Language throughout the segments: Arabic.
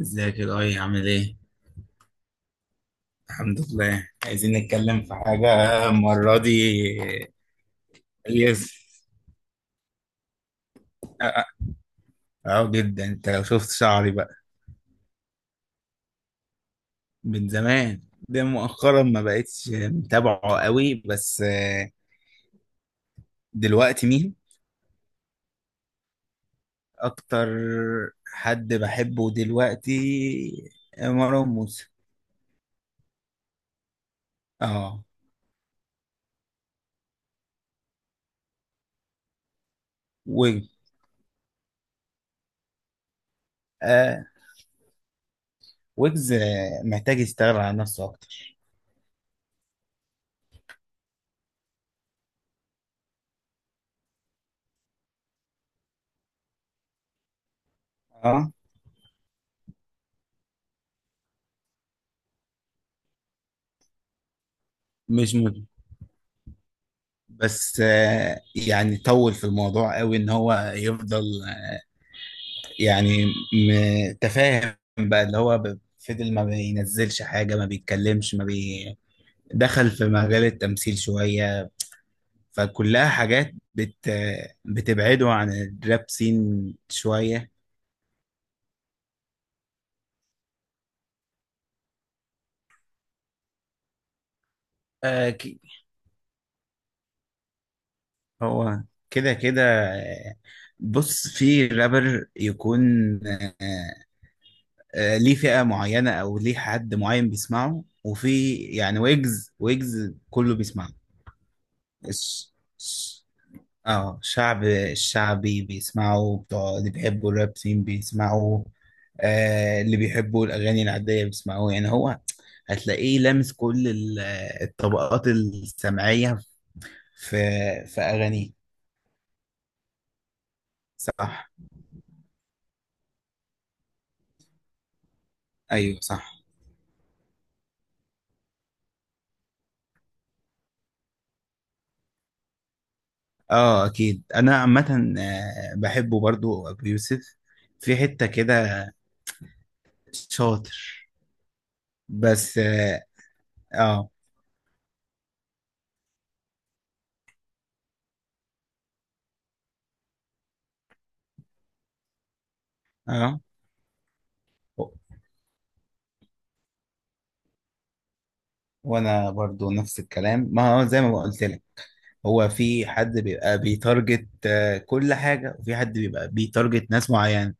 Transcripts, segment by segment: ازيك يا ضاي، عامل ايه؟ الحمد لله. عايزين نتكلم في حاجة المرة دي. يس. اه، اه. اه، جدا. انت لو شفت شعري بقى. من زمان. ده مؤخرا ما بقتش متابعه قوي، بس دلوقتي مين؟ أكتر حد بحبه دلوقتي مروان موسى. اه، ويجز. آه ويجز، محتاج يشتغل على نفسه أكتر. اه. مش م... بس، يعني طول في الموضوع قوي ان هو يفضل، يعني متفاهم بقى، اللي هو فضل ما بينزلش حاجة، ما بيتكلمش، ما بي... دخل في مجال التمثيل شوية. فكلها حاجات بت... آه، بتبعده عن الراب سين شوية. آه، ك- هو كده كده آه، بص، في رابر يكون ليه فئة معينة، أو ليه حد معين بيسمعه، وفي يعني ويجز. ويجز كله بيسمعه. الش- الش- اه، شعب. الشعبي بيسمعه، بتوع اللي بيحبوا الراب سين بيسمعوا، آه، اللي بيحبوا الأغاني العادية بيسمعوه. يعني هو هتلاقيه لامس كل الطبقات السمعية. في في أغانيه. صح. أيوه صح. اه أكيد. أنا عامة بحبه برضو أبو يوسف. في حتة كده شاطر. بس، اه. اه. آه. وانا برضو نفس الكلام، ما هو زي ما قلت لك. هو في حد بيبقى بيتارجت كل حاجة، وفي حد بيبقى بيتارجت ناس معينة.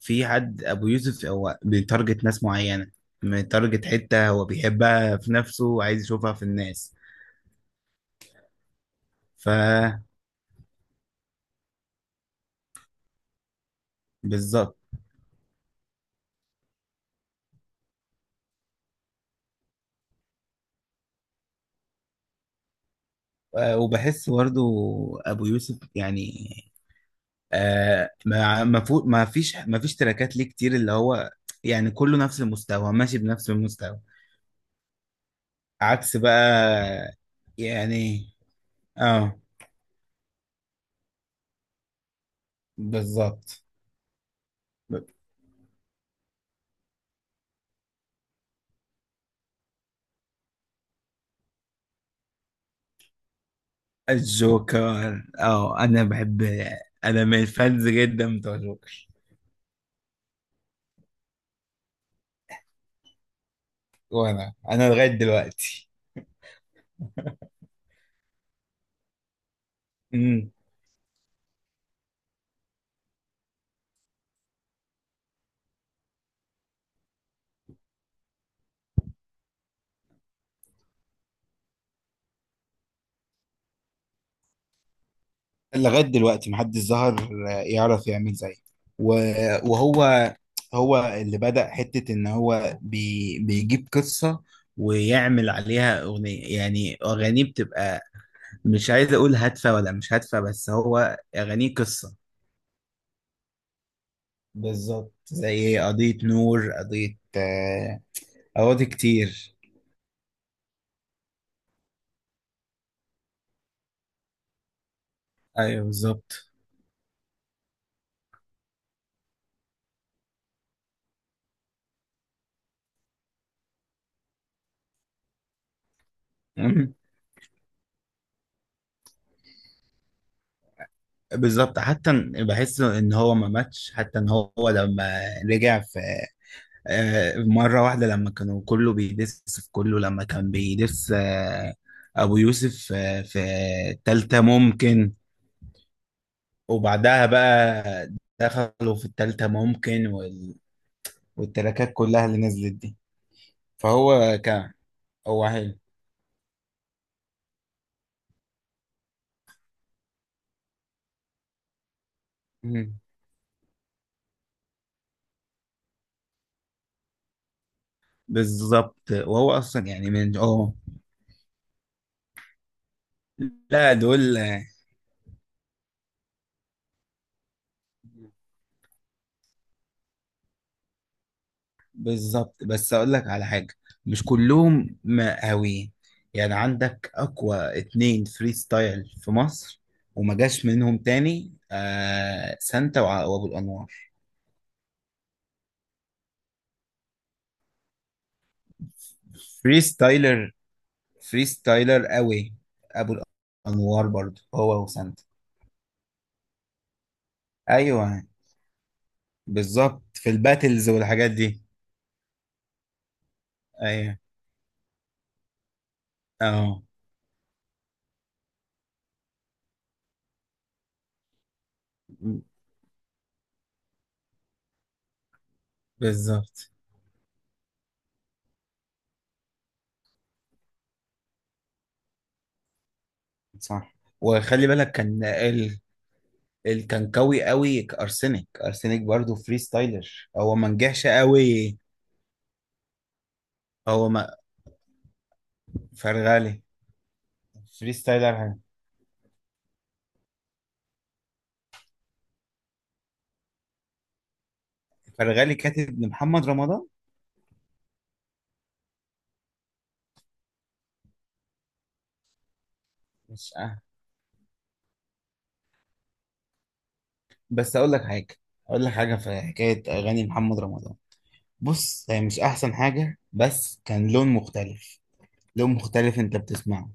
في حد ابو يوسف هو بيتارجت ناس معينة. بيتارجت حتة هو بيحبها في نفسه، وعايز يشوفها في الناس. فبالظبط. وبحس برضو ابو يوسف، يعني ما فيش تراكات ليه كتير. اللي هو يعني كله نفس المستوى، ماشي بنفس المستوى، عكس بقى. يعني اه بالظبط. الجوكر، اه، انا بحب. انا من الفانز جدا بتوع الجوكر. وانا لغاية دلوقتي. لغاية دلوقتي محدش ظهر يعرف يعمل زيه. و- وهو هو اللي بدأ حتة إن هو بيجيب قصة، ويعمل عليها أغنية. يعني أغانيه بتبقى، مش عايز أقول هادفة ولا مش هادفة، بس هو أغانيه قصة. بالظبط، زي قضية نور، قضية قواضي كتير. أيوه بالظبط. مم. بالظبط. حتى بحس إن هو ما ماتش. حتى إن هو لما رجع في، مرة واحدة، لما كانوا كله بيدس في كله، لما كان بيدس، أبو يوسف، في التالتة ممكن. وبعدها بقى دخلوا في التالتة ممكن والتراكات كلها اللي نزلت دي. فهو كان هو حلو. مم. بالظبط. وهو أصلا يعني من اه لا دول، بالظبط. بس اقول لك على حاجه، مش كلهم مقاويين. يعني عندك اقوى اتنين فري ستايل في مصر وما جاش منهم تاني، آه، سانتا وابو الانوار. فري ستايلر، فري ستايلر قوي. ابو الانوار برضه، هو وسانتا. ايوه بالظبط، في الباتلز والحاجات دي. ايوه اه بالظبط صح. وخلي بالك كان كان قوي قوي ارسنال. ارسنال برضه فري ستايلر، هو ما نجحش قوي. هو ما فرغالي. فري ستايلر. فرغالي كاتب لمحمد رمضان. مش أه. بس اقول لك حاجه. في حكايه اغاني محمد رمضان. بص، هي مش احسن حاجه، بس كان لون مختلف. لون مختلف انت بتسمعه.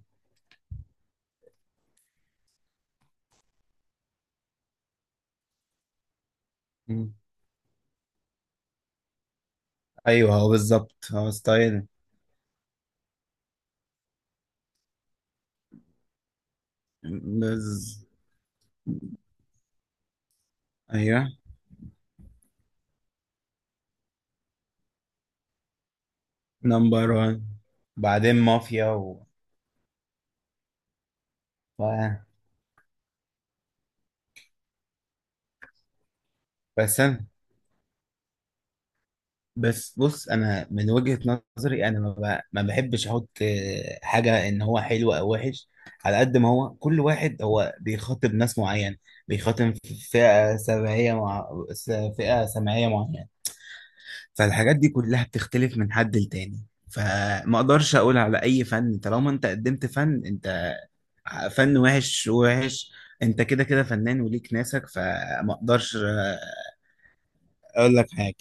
مم. ايوه، هو بالظبط، هو ستايل. بز... ايوه، نمبر وان، بعدين مافيا و- بس انا. بس بص، انا من وجهة نظري، انا ما بحبش احط حاجة ان هو حلو او وحش. على قد ما هو كل واحد هو بيخاطب ناس معين. بيخاطب فئة سمعية فئة سمعية معينة. فالحاجات دي كلها بتختلف من حد لتاني. فما اقدرش اقول على اي فن طالما انت قدمت فن. انت فن وحش وحش، انت كده كده فنان وليك ناسك. فما اقدرش. اقول لك حاجة.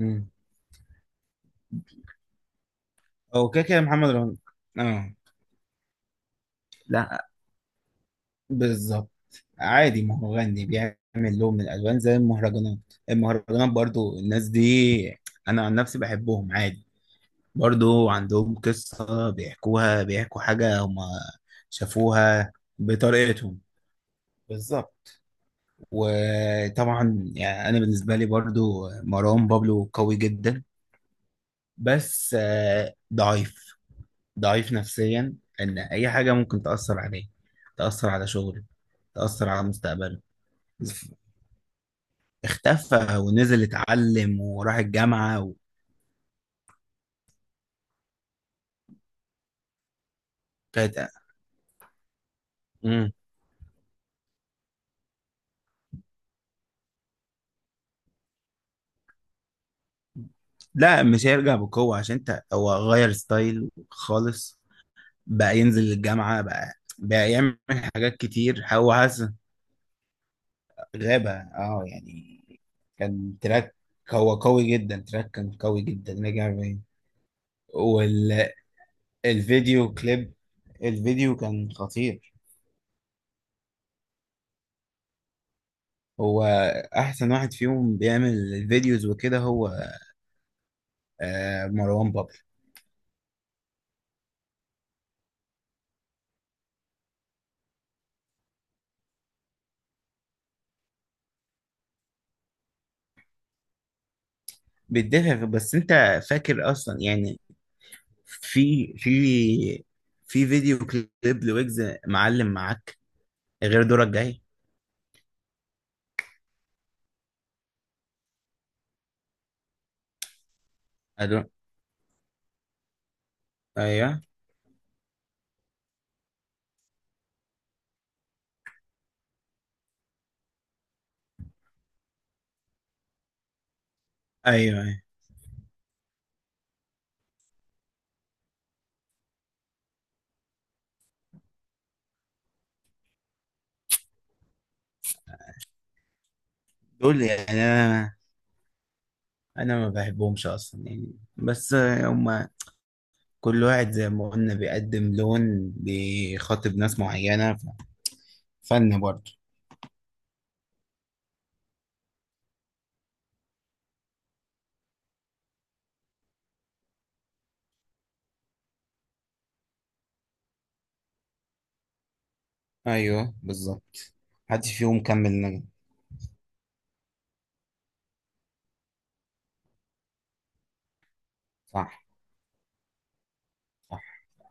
امم. هو كده كده محمد رمضان. اه، لا، بالظبط، عادي. ما هو غني بيعمل لون من الالوان زي المهرجانات. المهرجانات برضو، الناس دي انا عن نفسي بحبهم عادي. برضو عندهم قصة بيحكوها، بيحكوا حاجة هما شافوها بطريقتهم. بالظبط. وطبعا يعني انا بالنسبة لي برضو مروان بابلو قوي جدا، بس ضعيف. ضعيف نفسيا، ان اي حاجه ممكن تاثر عليه، تاثر على شغله، تاثر على مستقبله. اختفى ونزل اتعلم وراح الجامعه. وكانت. مم. لا مش هيرجع بقوه، عشان انت هو غير ستايل خالص. بقى ينزل الجامعه، بقى يعمل حاجات كتير، هو حاسس. غابه، يعني كان تراك. هو قوي جدا. تراك كان قوي جدا رجع بيه. والفيديو كليب، الفيديو كان خطير. هو احسن واحد فيهم بيعمل الفيديوز وكده، هو مروان بابلو. بيدافع. بس انت فاكر اصلا، يعني في في في فيديو كليب لويجز، معلم معاك، غير دورك جاي. أدو- ايوه. ايوه، أيوة. دول يعني انا، ما بحبهمش اصلا، يعني بس هما كل واحد زي ما قلنا بيقدم لون، بيخاطب ناس معينة، فن برضه. ايوه بالظبط. محدش فيهم كمل نجم. صح.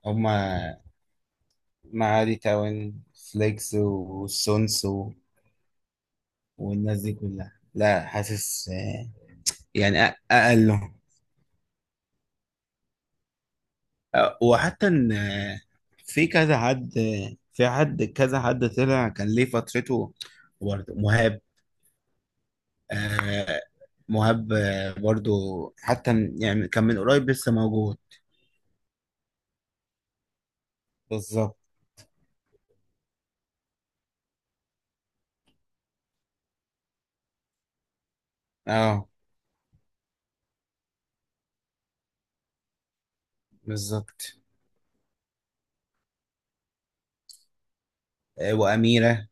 هما معادي تاون، فليكس والسونس والناس دي كلها، لا حاسس، يعني أقلهم. وحتى إن، في كذا حد، في حد كذا حد طلع كان ليه فترته. برضه مهاب آه، مهاب، برضه. حتى يعني كان من قريب لسه موجود. بالظبط. اه بالظبط. آه، وأميرة.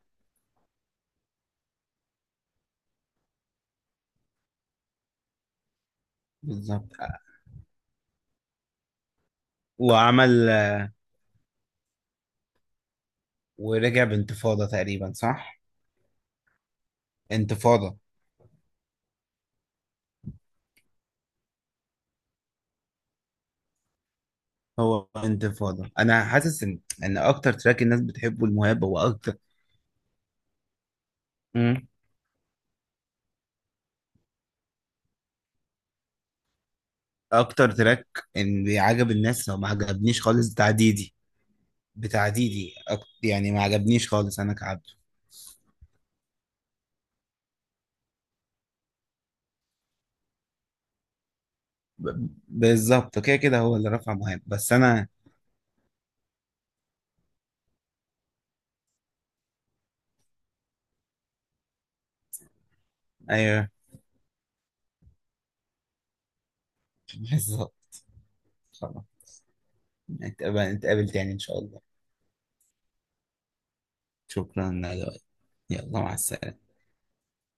بالظبط. وعمل، ورجع بانتفاضة تقريبا، صح؟ انتفاضة. هو انتفاضة. انا حاسس ان اكتر تراك الناس بتحبه المهاب هو اكتر. امم. اكتر تراك ان عجب الناس، لو ما عجبنيش خالص، بتاع ديدي. بتاع ديدي، يعني ما عجبنيش خالص، انا كعبده. بالظبط، كده كده هو اللي رفع مهاب، بس انا. ايوه. بالظبط. خلاص. نتقابل تاني ان شاء الله. شكرا يا لؤي. يلا مع السلامة.